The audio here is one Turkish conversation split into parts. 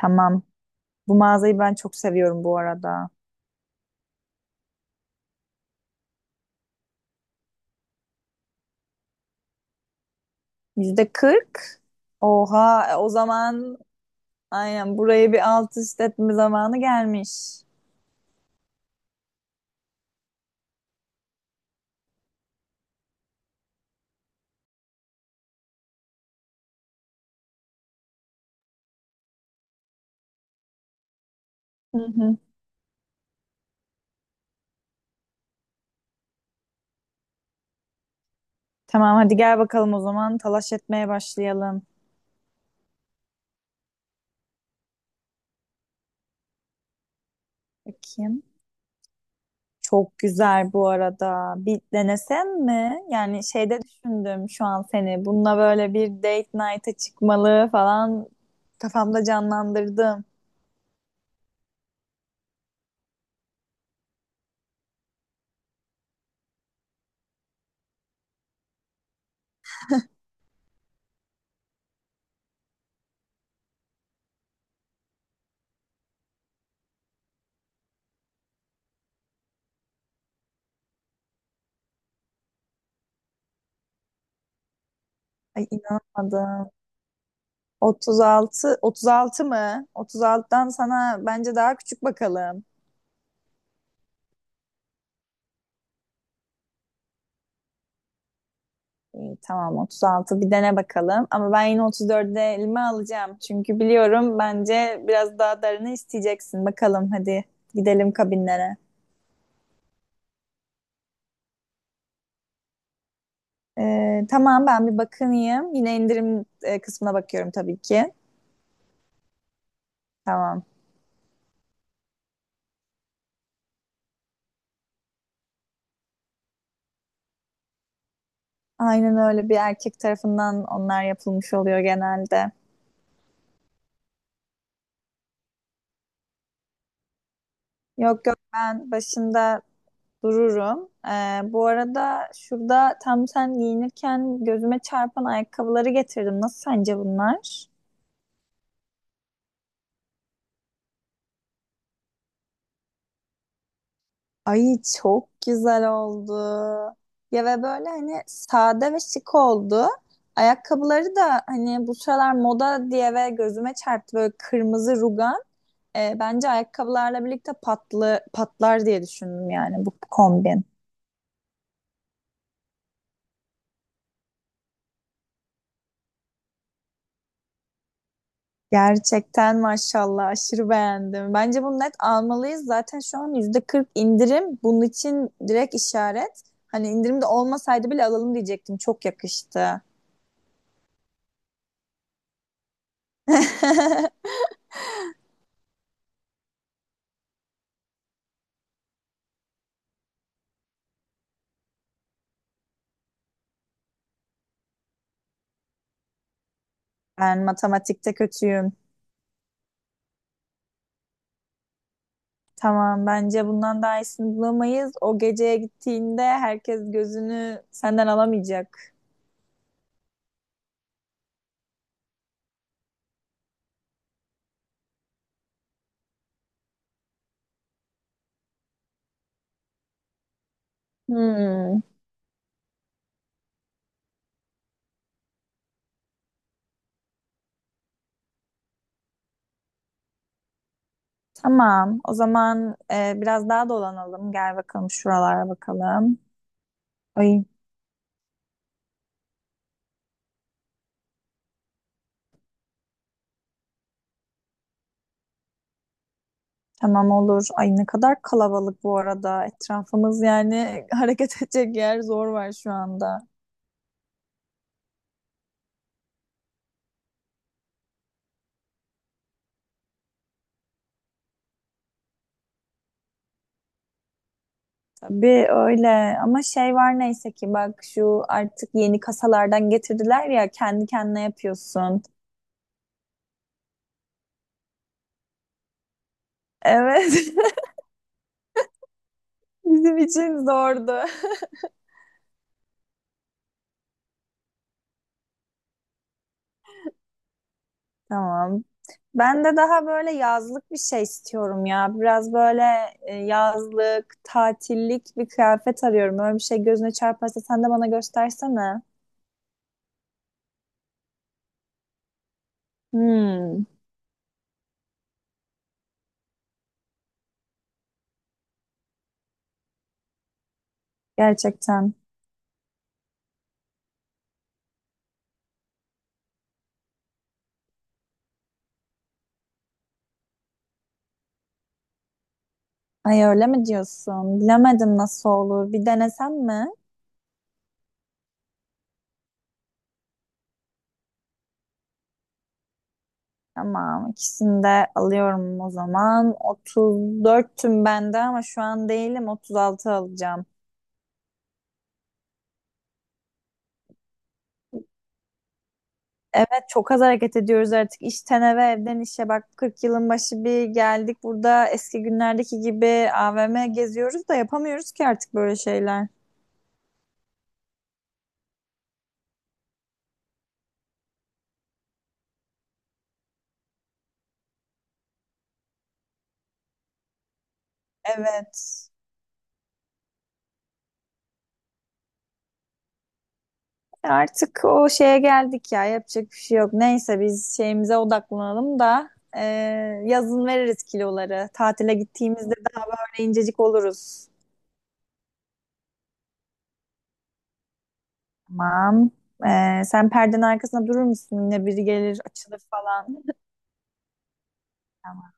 Tamam. Bu mağazayı ben çok seviyorum bu arada. %40. Oha, o zaman aynen buraya bir alt üst etme zamanı gelmiş. Hı hı. Tamam, hadi gel bakalım o zaman talaş etmeye başlayalım. Bakayım. Çok güzel bu arada. Bir denesem mi? Yani şeyde düşündüm şu an seni. Bununla böyle bir date night'a çıkmalı falan kafamda canlandırdım. Ay, inanamadım. 36, 36 mı? 36'dan sana bence daha küçük bakalım. İyi, tamam 36. Bir dene bakalım. Ama ben yine 34'e elime alacağım. Çünkü biliyorum, bence biraz daha darını isteyeceksin. Bakalım, hadi gidelim kabinlere. Tamam, ben bir bakınayım. Yine indirim kısmına bakıyorum tabii ki. Tamam. Aynen, öyle bir erkek tarafından onlar yapılmış oluyor genelde. Yok yok, ben başında dururum. Bu arada şurada tam sen giyinirken gözüme çarpan ayakkabıları getirdim. Nasıl, sence bunlar? Ay, çok güzel oldu. Ya ve böyle hani sade ve şık oldu. Ayakkabıları da hani bu sıralar moda diye ve gözüme çarptı böyle kırmızı rugan. Bence ayakkabılarla birlikte patlı patlar diye düşündüm, yani bu kombin. Gerçekten maşallah aşırı beğendim. Bence bunu net almalıyız. Zaten şu an %40 indirim. Bunun için direkt işaret. Hani indirim de olmasaydı bile alalım diyecektim. Çok yakıştı. Ben matematikte kötüyüm. Tamam, bence bundan daha iyisini bulamayız. O geceye gittiğinde herkes gözünü senden alamayacak. Hmm, tamam. O zaman biraz daha dolanalım. Gel bakalım, şuralara bakalım. Ay, tamam olur. Ay, ne kadar kalabalık bu arada. Etrafımız yani hareket edecek yer zor var şu anda. Tabii öyle, ama şey var neyse ki bak, şu artık yeni kasalardan getirdiler ya, kendi kendine yapıyorsun. Evet. Bizim için zordu. Tamam. Ben de daha böyle yazlık bir şey istiyorum ya. Biraz böyle yazlık, tatillik bir kıyafet arıyorum. Öyle bir şey gözüne çarparsa sen de bana göstersene. Hmm, gerçekten. Ay, öyle mi diyorsun? Bilemedim nasıl olur. Bir denesem mi? Tamam, ikisini de alıyorum o zaman. 34'tüm bende, ama şu an değilim. 36 alacağım. Evet, çok az hareket ediyoruz artık. İşten eve, evden işe. Bak, 40 yılın başı bir geldik. Burada eski günlerdeki gibi AVM geziyoruz da yapamıyoruz ki artık böyle şeyler. Evet. Artık o şeye geldik ya, yapacak bir şey yok. Neyse, biz şeyimize odaklanalım da e, yazın veririz kiloları. Tatile gittiğimizde daha böyle incecik oluruz. Tamam. Sen perdenin arkasında durur musun? Yine biri gelir açılır falan. Tamam.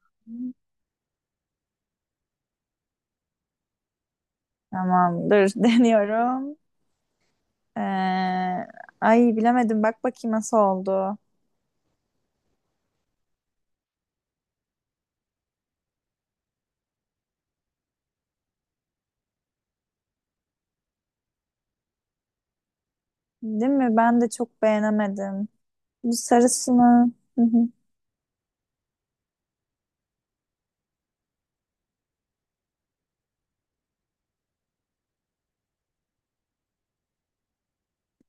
Tamam, dur, deniyorum. E, ay, bilemedim, bak bakayım nasıl oldu. Değil mi? Ben de çok beğenemedim. Bu sarısını. Hı hı.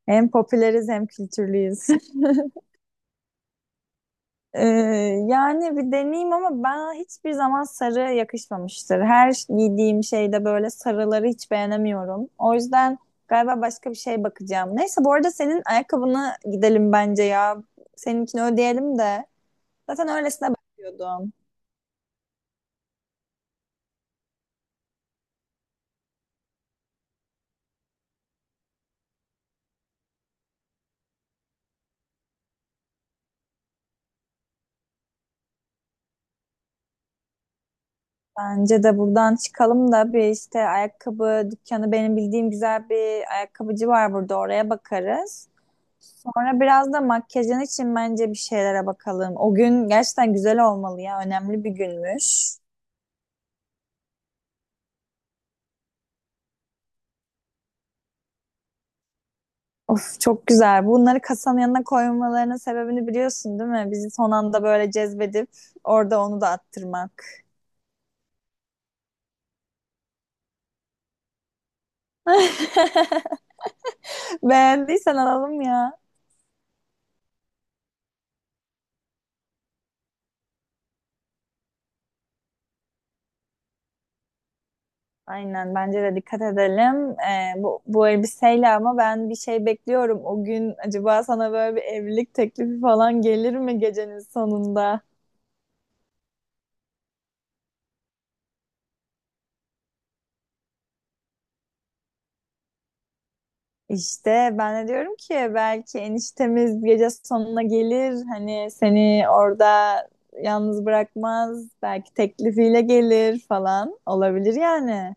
Hem popüleriz hem kültürlüyüz. Ee, yani bir deneyeyim, ama bana hiçbir zaman sarı yakışmamıştır. Her giydiğim şeyde böyle sarıları hiç beğenemiyorum. O yüzden galiba başka bir şey bakacağım. Neyse, bu arada senin ayakkabını gidelim bence ya. Seninkini ödeyelim de. Zaten öylesine bakıyordum. Bence de buradan çıkalım da, bir işte ayakkabı dükkanı, benim bildiğim güzel bir ayakkabıcı var burada, oraya bakarız. Sonra biraz da makyajın için bence bir şeylere bakalım. O gün gerçekten güzel olmalı ya. Önemli bir günmüş. Of, çok güzel. Bunları kasanın yanına koymalarının sebebini biliyorsun değil mi? Bizi son anda böyle cezbedip orada onu da attırmak. Beğendiysen alalım ya. Aynen, bence de dikkat edelim. Bu elbiseyle ama ben bir şey bekliyorum. O gün acaba sana böyle bir evlilik teklifi falan gelir mi gecenin sonunda? İşte, ben de diyorum ki belki eniştemiz gece sonuna gelir, hani seni orada yalnız bırakmaz, belki teklifiyle gelir falan, olabilir yani.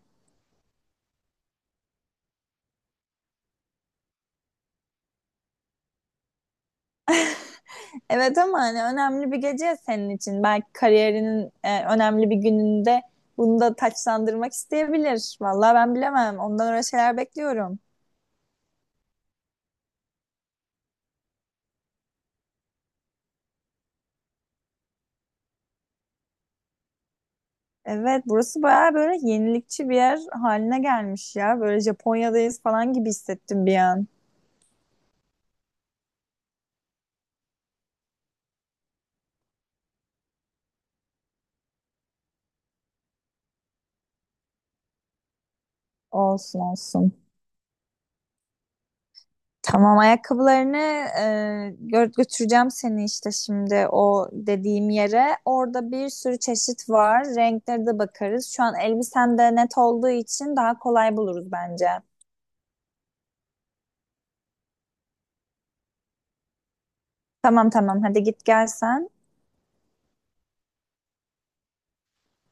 Evet, ama hani önemli bir gece senin için, belki kariyerinin önemli bir gününde bunu da taçlandırmak isteyebilir. Vallahi ben bilemem, ondan öyle şeyler bekliyorum. Evet, burası bayağı böyle yenilikçi bir yer haline gelmiş ya, böyle Japonya'dayız falan gibi hissettim bir an. Olsun olsun. Tamam, ayakkabılarını e, götüreceğim seni işte şimdi o dediğim yere. Orada bir sürü çeşit var. Renkleri de bakarız. Şu an elbisen de net olduğu için daha kolay buluruz bence. Tamam tamam, hadi git gel sen.